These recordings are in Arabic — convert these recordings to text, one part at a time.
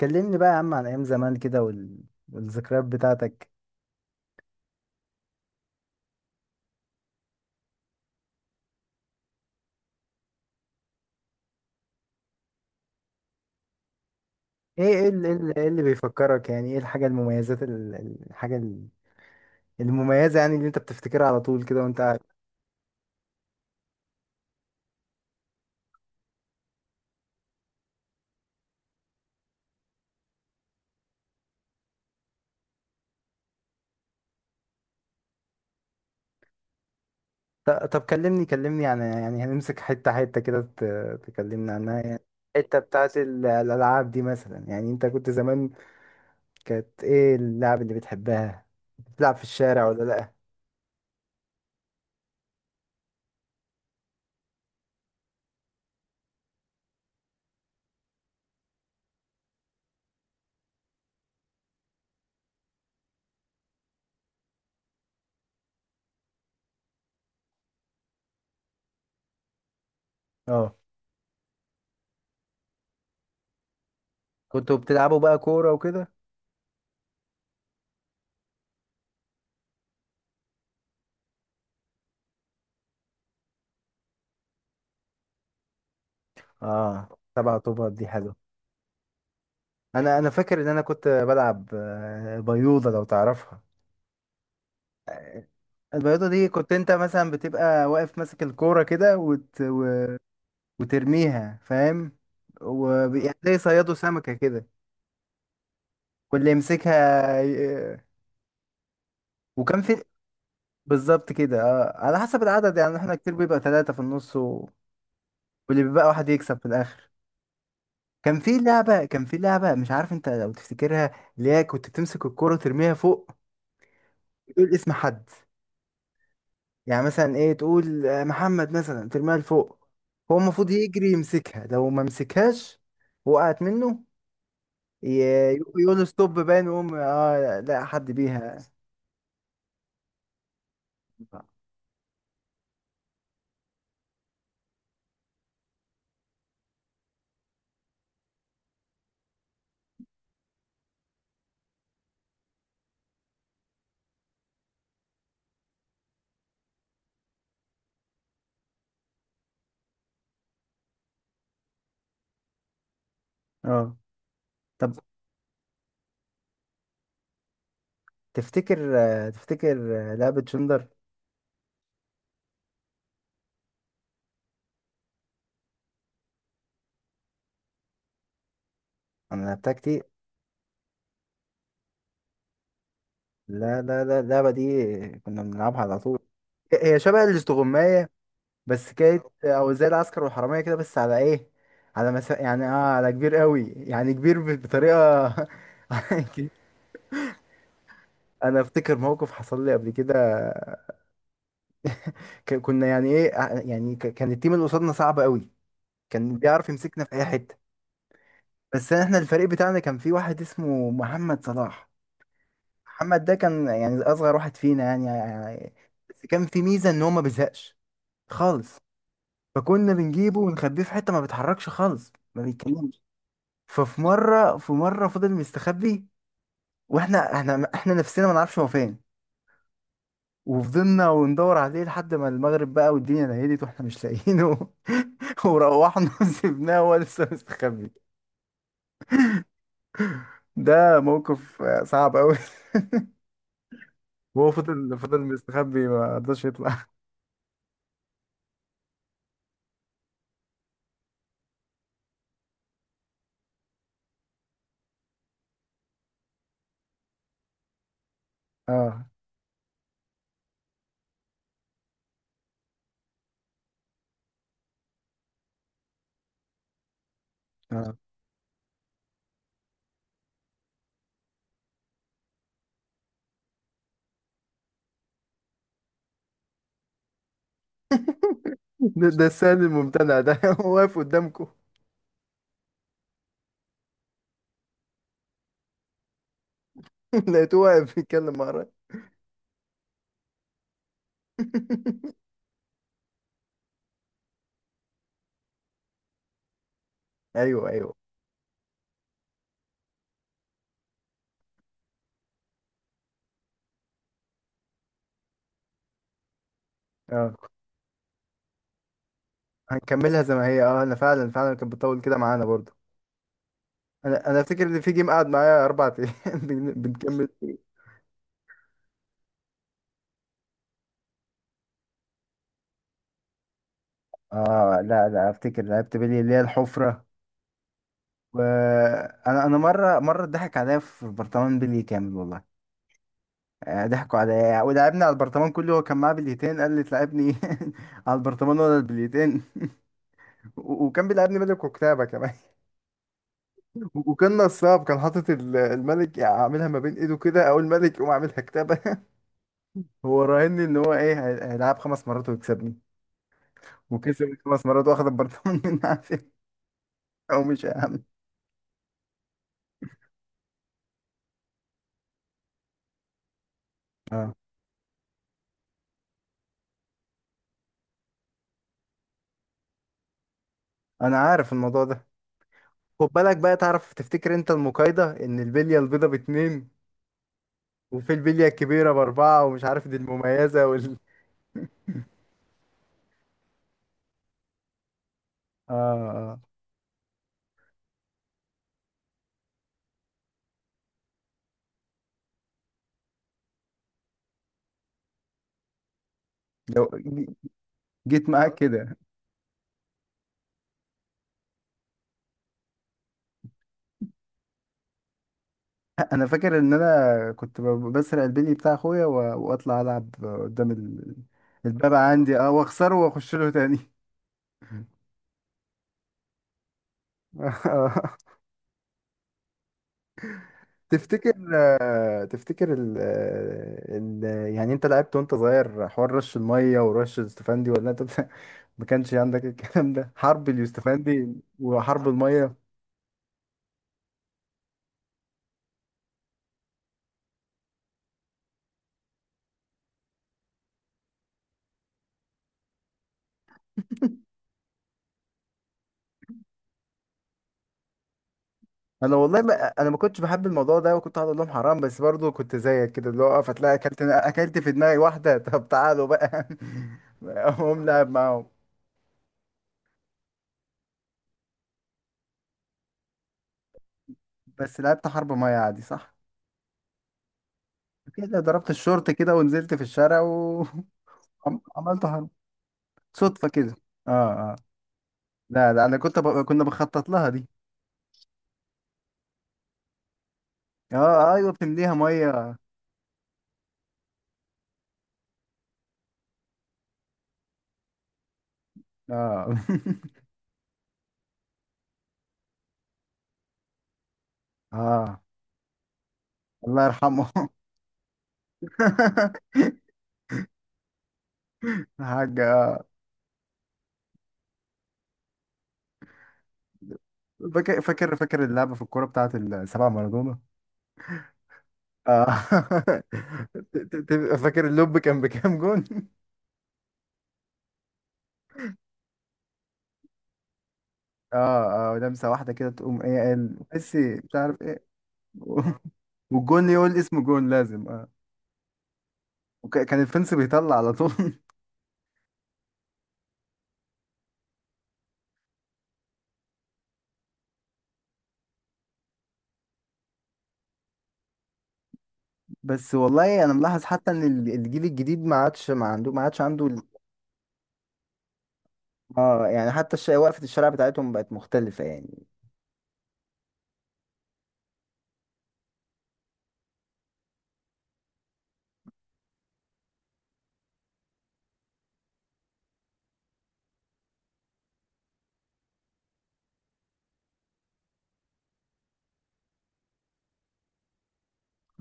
كلمني بقى يا عم عن ايام زمان كده والذكريات بتاعتك. ايه ايه اللي, إيه اللي بيفكرك؟ يعني ايه الحاجة المميزات، الحاجة المميزة، يعني اللي انت بتفتكرها على طول كده وانت قاعد. طب، كلمني عن، يعني هنمسك حتة حتة كده، تكلمنا عنها يعني. الحتة بتاعت الألعاب دي مثلا، يعني انت كنت زمان كانت ايه اللعب اللي بتحبها؟ بتلعب في الشارع ولا لأ؟ اه. كنتوا بتلعبوا بقى كورة وكده. اه طبعا، طوبة دي حلوة. انا فاكر ان انا كنت بلعب بيوضه، لو تعرفها. البيوضه دي كنت انت مثلا بتبقى واقف ماسك الكوره كده، وترميها، فاهم؟ ويعني زي صيادوا سمكه كده. واللي يمسكها وكان في بالظبط كده، اه على حسب العدد، يعني احنا كتير بيبقى ثلاثه في النص واللي بيبقى واحد يكسب في الاخر. كان في لعبه، مش عارف انت لو تفتكرها، اللي هي كنت بتمسك الكوره وترميها فوق، وتقول اسم حد. يعني مثلا ايه، تقول محمد مثلا، ترميها لفوق. هو المفروض يجري يمسكها. لو ما مسكهاش وقعت منه، يقول له ستوب باين، ويقوم لا حد بيها. اه. طب تفتكر، لعبة جندر؟ انا لعبتها كتير. لا لا لا، اللعبة دي كنا بنلعبها على طول. هي شبه الاستغماية، بس كانت او زي العسكر والحرامية كده، بس على ايه؟ يعني على كبير قوي، يعني كبير بطريقة. كبير. انا افتكر موقف حصل لي قبل كده. كنا يعني ايه، يعني كان التيم اللي قصادنا صعب قوي. كان بيعرف يمسكنا في اي حته. بس احنا الفريق بتاعنا كان في واحد اسمه محمد صلاح. محمد ده كان يعني اصغر واحد فينا، يعني. بس كان في ميزه ان هو ما بيزهقش خالص. فكنا بنجيبه ونخبيه في حته، ما بيتحركش خالص، ما بيتكلمش. ففي مره فضل مستخبي، واحنا احنا احنا نفسنا ما نعرفش هو فين. وفضلنا وندور عليه لحد ما المغرب بقى والدنيا ليلت واحنا مش لاقيينه. وروحنا وسيبناه وهو لسه مستخبي. ده موقف صعب قوي. وهو فضل مستخبي، ما رضاش يطلع. اه اه. ده السهل الممتنع ده. هو واقف قدامكم. لقيته واقف بيتكلم مع الراجل. ايوه ايوه. اه، هنكملها زي ما هي. اه انا فعلا كانت بتطول كده معانا برضو. انا افتكر ان في جيم قعد معايا 4 ايام. بنكمل. اه، لا لا، افتكر لعبت بلي اللي هي الحفرة. وانا مرة اتضحك عليا في برطمان بلي كامل والله. ضحكوا عليا ولعبني على البرطمان كله. هو كان معاه بليتين، قال لي تلعبني على البرطمان ولا البليتين؟ وكان بيلعبني ملك وكتابة كمان. وكان نصاب، كان حاطط الملك عاملها ما بين ايده كده، او الملك يقوم عاملها كتابة. هو راهني ان هو ايه، هيلعب 5 مرات ويكسبني. وكسب 5 مرات واخد البرطمان. من عافية. او مش اهم. اه، انا عارف الموضوع ده. خد بالك بقى، تعرف تفتكر انت المقايضة ان البلية البيضة باتنين؟ وفي البلية الكبيرة باربعة، ومش عارف دي المميزة، اه اه. لو جيت معاك كده. انا فاكر ان انا كنت بسرق البلي بتاع اخويا، واطلع العب قدام الباب عندي، اه، واخسره واخش له تاني. تفتكر، يعني انت لعبت وانت صغير حوار رش الميه ورش الاستفندي، ولا انت ما كانش عندك الكلام ده، حرب اليوستفندي وحرب الميه؟ انا والله ما كنتش بحب الموضوع ده، وكنت هقول لهم حرام، بس برضو كنت زيك كده، اللي هو اقف هتلاقي اكلت في دماغي واحده. طب تعالوا بقى. اقوم لعب معاهم. بس لعبت حرب ميه عادي، صح؟ كده ضربت الشورت كده ونزلت في الشارع وعملت حرب صدفه كده. اه. آه. لا لا، انا كنا بنخطط لها دي. اه ايوه، بتمليها ميه. اه. اه، الله يرحمه. حاجة. آه. فاكر اللعبة في الكورة بتاعت السبعة مارادونا. اه. فاكر اللوب كان بكام جون؟ اه اه، لمسة واحدة كده تقوم ايه، قال ميسي مش عارف ايه. والجون يقول اسم جون لازم. اه. وكان الفنس بيطلع على طول. بس والله انا ملاحظ حتى ان الجيل الجديد ما عادش عنده. اه، يعني حتى وقفة الشارع بتاعتهم بقت مختلفة يعني.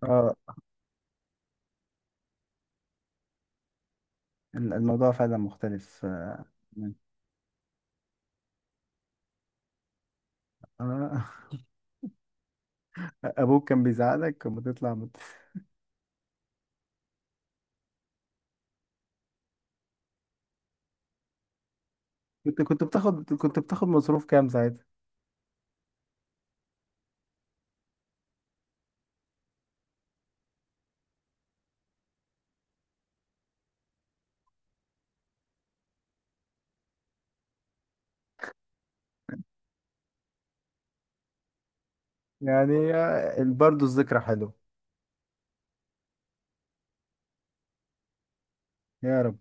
اه، الموضوع فعلا مختلف. مم. آه. ابوك كان بيزعلك لما تطلع. كنت بتاخد مصروف كام ساعتها؟ يعني برضه الذكرى حلوة. يا رب.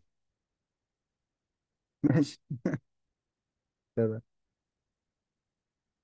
ماشي.